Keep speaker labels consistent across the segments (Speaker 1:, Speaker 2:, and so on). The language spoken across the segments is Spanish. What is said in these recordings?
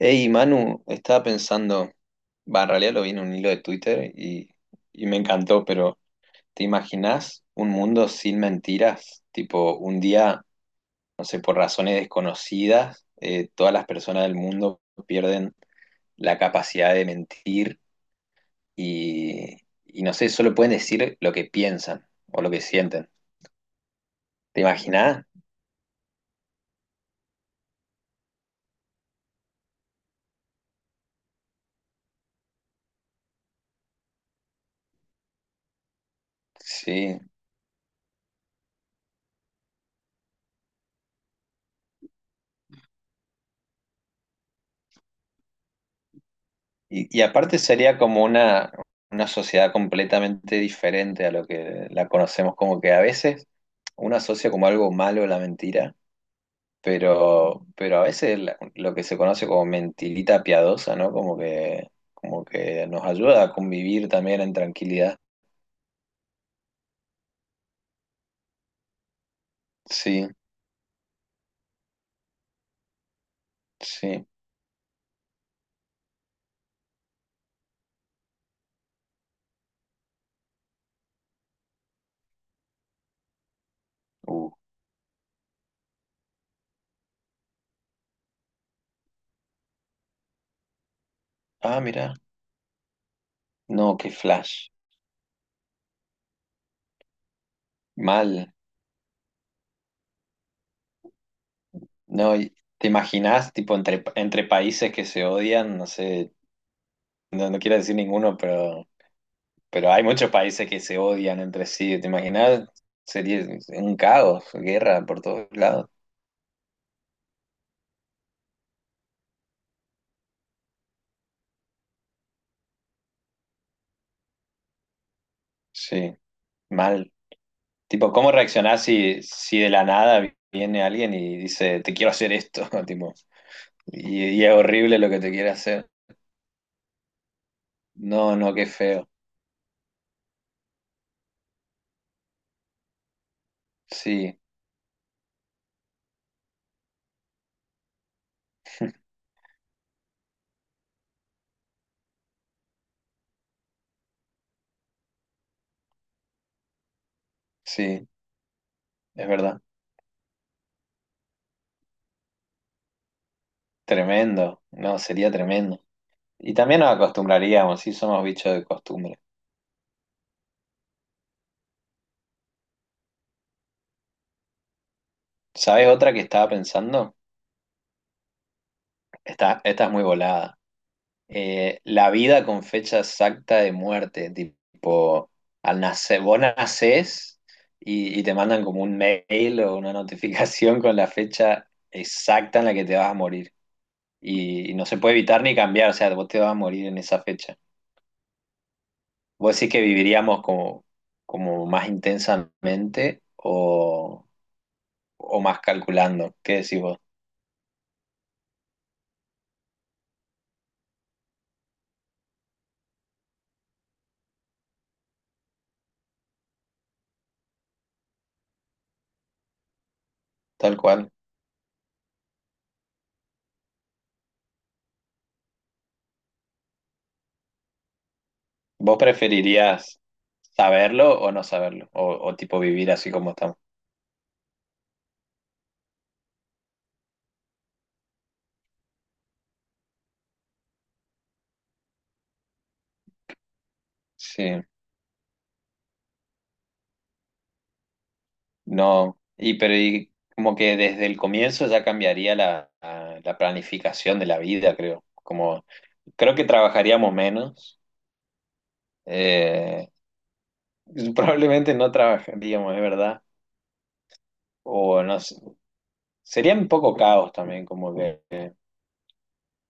Speaker 1: Hey, Manu, estaba pensando, va, en realidad lo vi en un hilo de Twitter y me encantó, pero ¿te imaginas un mundo sin mentiras? Tipo, un día, no sé, por razones desconocidas, todas las personas del mundo pierden la capacidad de mentir y, y no sé, solo pueden decir lo que piensan o lo que sienten. ¿Te imaginas? Sí. Y aparte sería como una sociedad completamente diferente a lo que la conocemos, como que a veces uno asocia como algo malo la mentira, pero a veces lo que se conoce como mentirita piadosa, ¿no? Como que nos ayuda a convivir también en tranquilidad. Sí, sí. Uh. Ah, mira. No, qué flash. Mal. No, ¿te imaginas tipo, entre, entre países que se odian? No sé, no quiero decir ninguno, pero hay muchos países que se odian entre sí, ¿te imaginas? Sería un caos, guerra por todos lados. Sí, mal. Tipo, ¿cómo reaccionás si de la nada viene alguien y dice, te quiero hacer esto? Tipo, y es horrible lo que te quiere hacer. No, no, qué feo. Sí, sí, es verdad. Tremendo. No, sería tremendo. Y también nos acostumbraríamos, sí, somos bichos de costumbre. ¿Sabes otra que estaba pensando? Esta es muy volada. La vida con fecha exacta de muerte, tipo, al nacer, vos nacés y te mandan como un mail o una notificación con la fecha exacta en la que te vas a morir. Y no se puede evitar ni cambiar, o sea, vos te vas a morir en esa fecha. ¿Vos decís que viviríamos como, como más intensamente o más calculando? ¿Qué decís vos? Tal cual. ¿Vos preferirías saberlo o no saberlo? O tipo vivir así como estamos. Sí. No, y pero y como que desde el comienzo ya cambiaría la, la planificación de la vida, creo. Como creo que trabajaríamos menos, eh, probablemente no trabajaríamos, es verdad. O no sé, sería un poco caos también, como que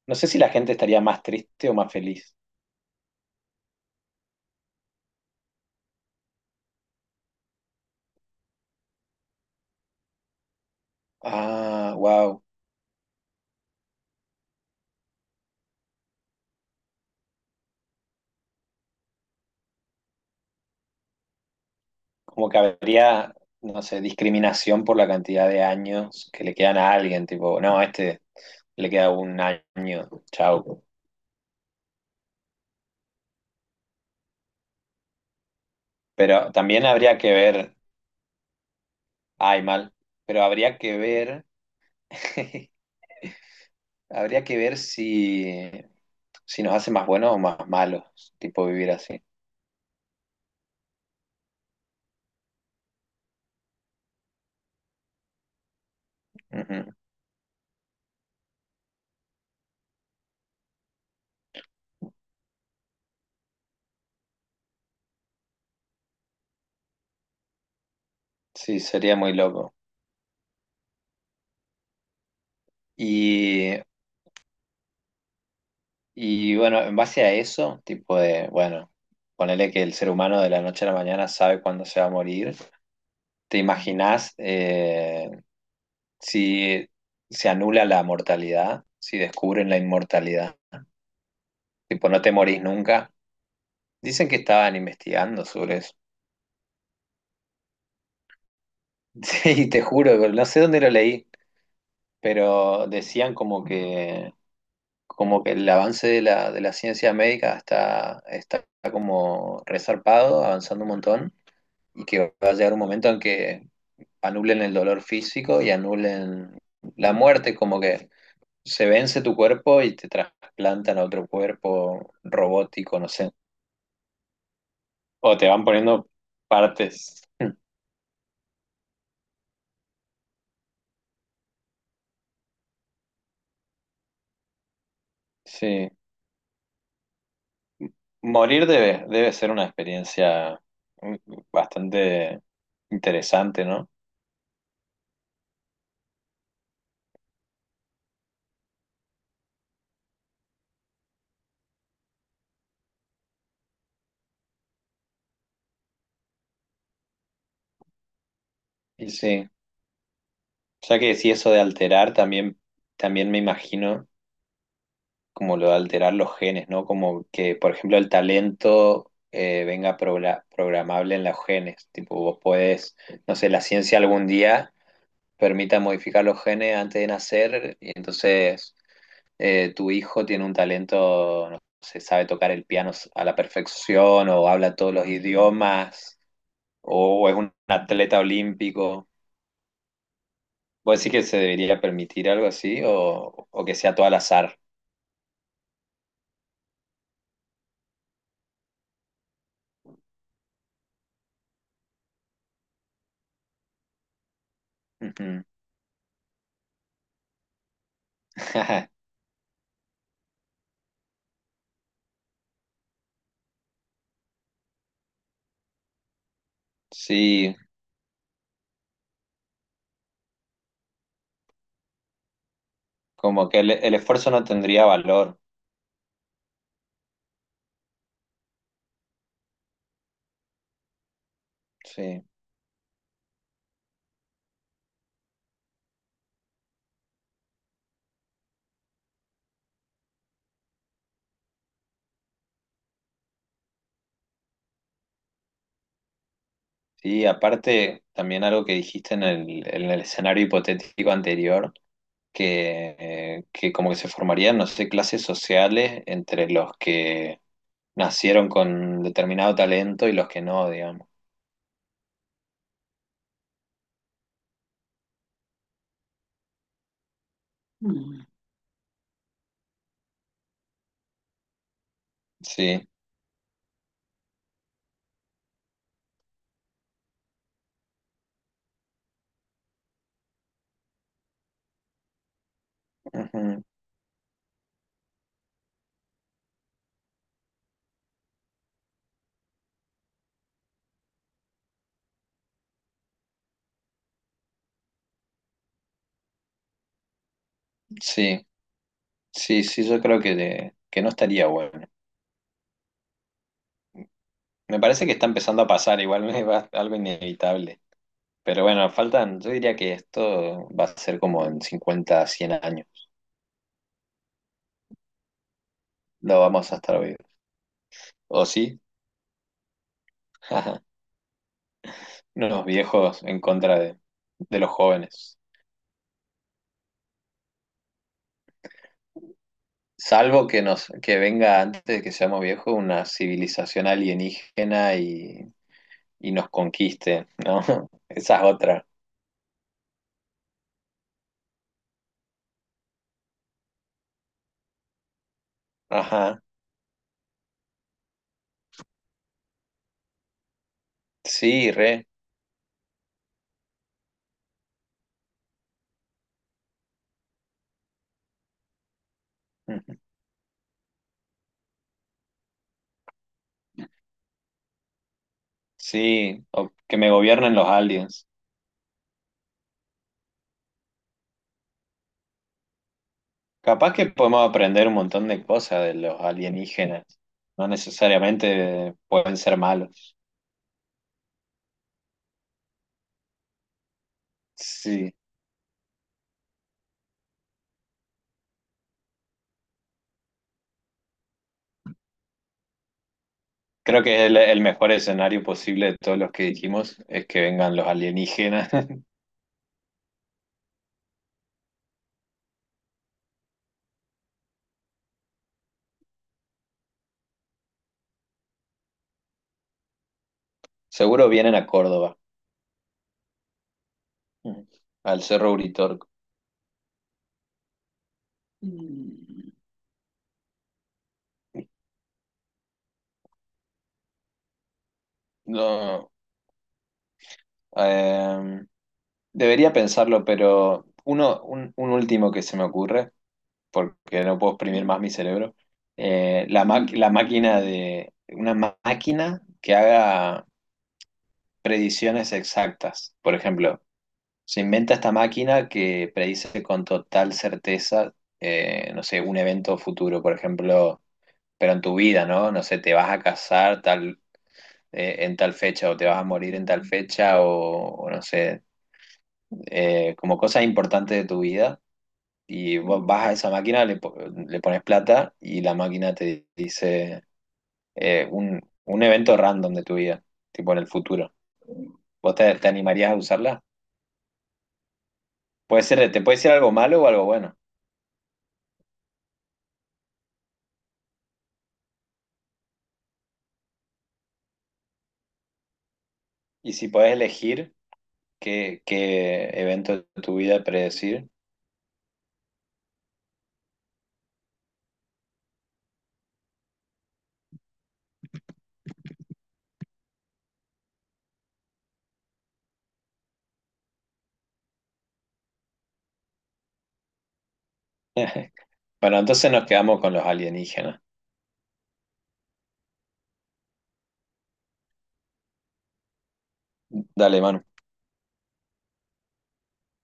Speaker 1: no sé si la gente estaría más triste o más feliz. Ah, wow. Como que habría, no sé, discriminación por la cantidad de años que le quedan a alguien, tipo, no, a este le queda un año, chao. Pero también habría que ver, ay, mal, pero habría que ver, habría que ver si nos hace más buenos o más malos, tipo vivir así. Ujú. Sí, sería muy loco. Y, y bueno, en base a eso, tipo de, bueno, ponele que el ser humano de la noche a la mañana sabe cuándo se va a morir. ¿Te imaginás si se anula la mortalidad, si descubren la inmortalidad? Tipo, no te morís nunca. Dicen que estaban investigando sobre sí, te juro, pero no sé dónde lo leí, pero decían como que el avance de de la ciencia médica está como resarpado, avanzando un montón, y que va a llegar un momento en que anulen el dolor físico y anulen la muerte, como que se vence tu cuerpo y te trasplantan a otro cuerpo robótico, no sé, o te van poniendo partes. Sí, morir debe ser una experiencia mm, bastante interesante, ¿no? Y sí, ya que si eso de alterar también, también me imagino como lo de alterar los genes, ¿no? Como que, por ejemplo, el talento venga programable en los genes. Tipo, vos podés, no sé, la ciencia algún día permita modificar los genes antes de nacer y entonces tu hijo tiene un talento, no sé, sabe tocar el piano a la perfección o habla todos los idiomas o es un atleta olímpico. ¿Vos decís que se debería permitir algo así o que sea todo al azar? Ujú. Sí, como que el esfuerzo no tendría valor. Sí. Sí, aparte también algo que dijiste en en el escenario hipotético anterior, que como que se formarían, no sé, clases sociales entre los que nacieron con determinado talento y los que no, digamos. Mm. Sí, ujú, sí, sí, sí, yo creo que, que no estaría bueno. Me parece que está empezando a pasar, igual algo inevitable. Pero bueno, faltan, yo diría que esto va a ser como en 50, 100 años. Lo vamos a estar vivos. ¿O sí? Ajá. Unos viejos en contra de los jóvenes. Salvo que nos, que venga antes de que seamos viejos una civilización alienígena y nos conquiste, ¿no? Esa es otra. Ajá. Sí, re. Sí, o que me gobiernen los aliens. Capaz que podemos aprender un montón de cosas de los alienígenas. No necesariamente pueden ser malos. Sí. Creo que el mejor escenario posible de todos los que dijimos es que vengan los alienígenas. Seguro vienen a Córdoba, al Cerro Uritorco. Mm, no, em, debería pensarlo, pero uno, un último que se me ocurre, porque no puedo exprimir más mi cerebro, la, la máquina de, una máquina que haga predicciones exactas. Por ejemplo, se inventa esta máquina que predice con total certeza, no sé, un evento futuro, por ejemplo, pero en tu vida, ¿no? No sé, te vas a casar tal en tal fecha o te vas a morir en tal fecha o no sé, como cosas importantes de tu vida y vos vas a esa máquina, le, le pones plata y la máquina te dice un evento random de tu vida, tipo en el futuro. ¿Vos te animarías a usarla? Puede ser, te puede ser algo malo o algo bueno. Y si podés elegir qué evento de tu vida predecir. Bueno, entonces nos quedamos con los alienígenas. Dale, Manu.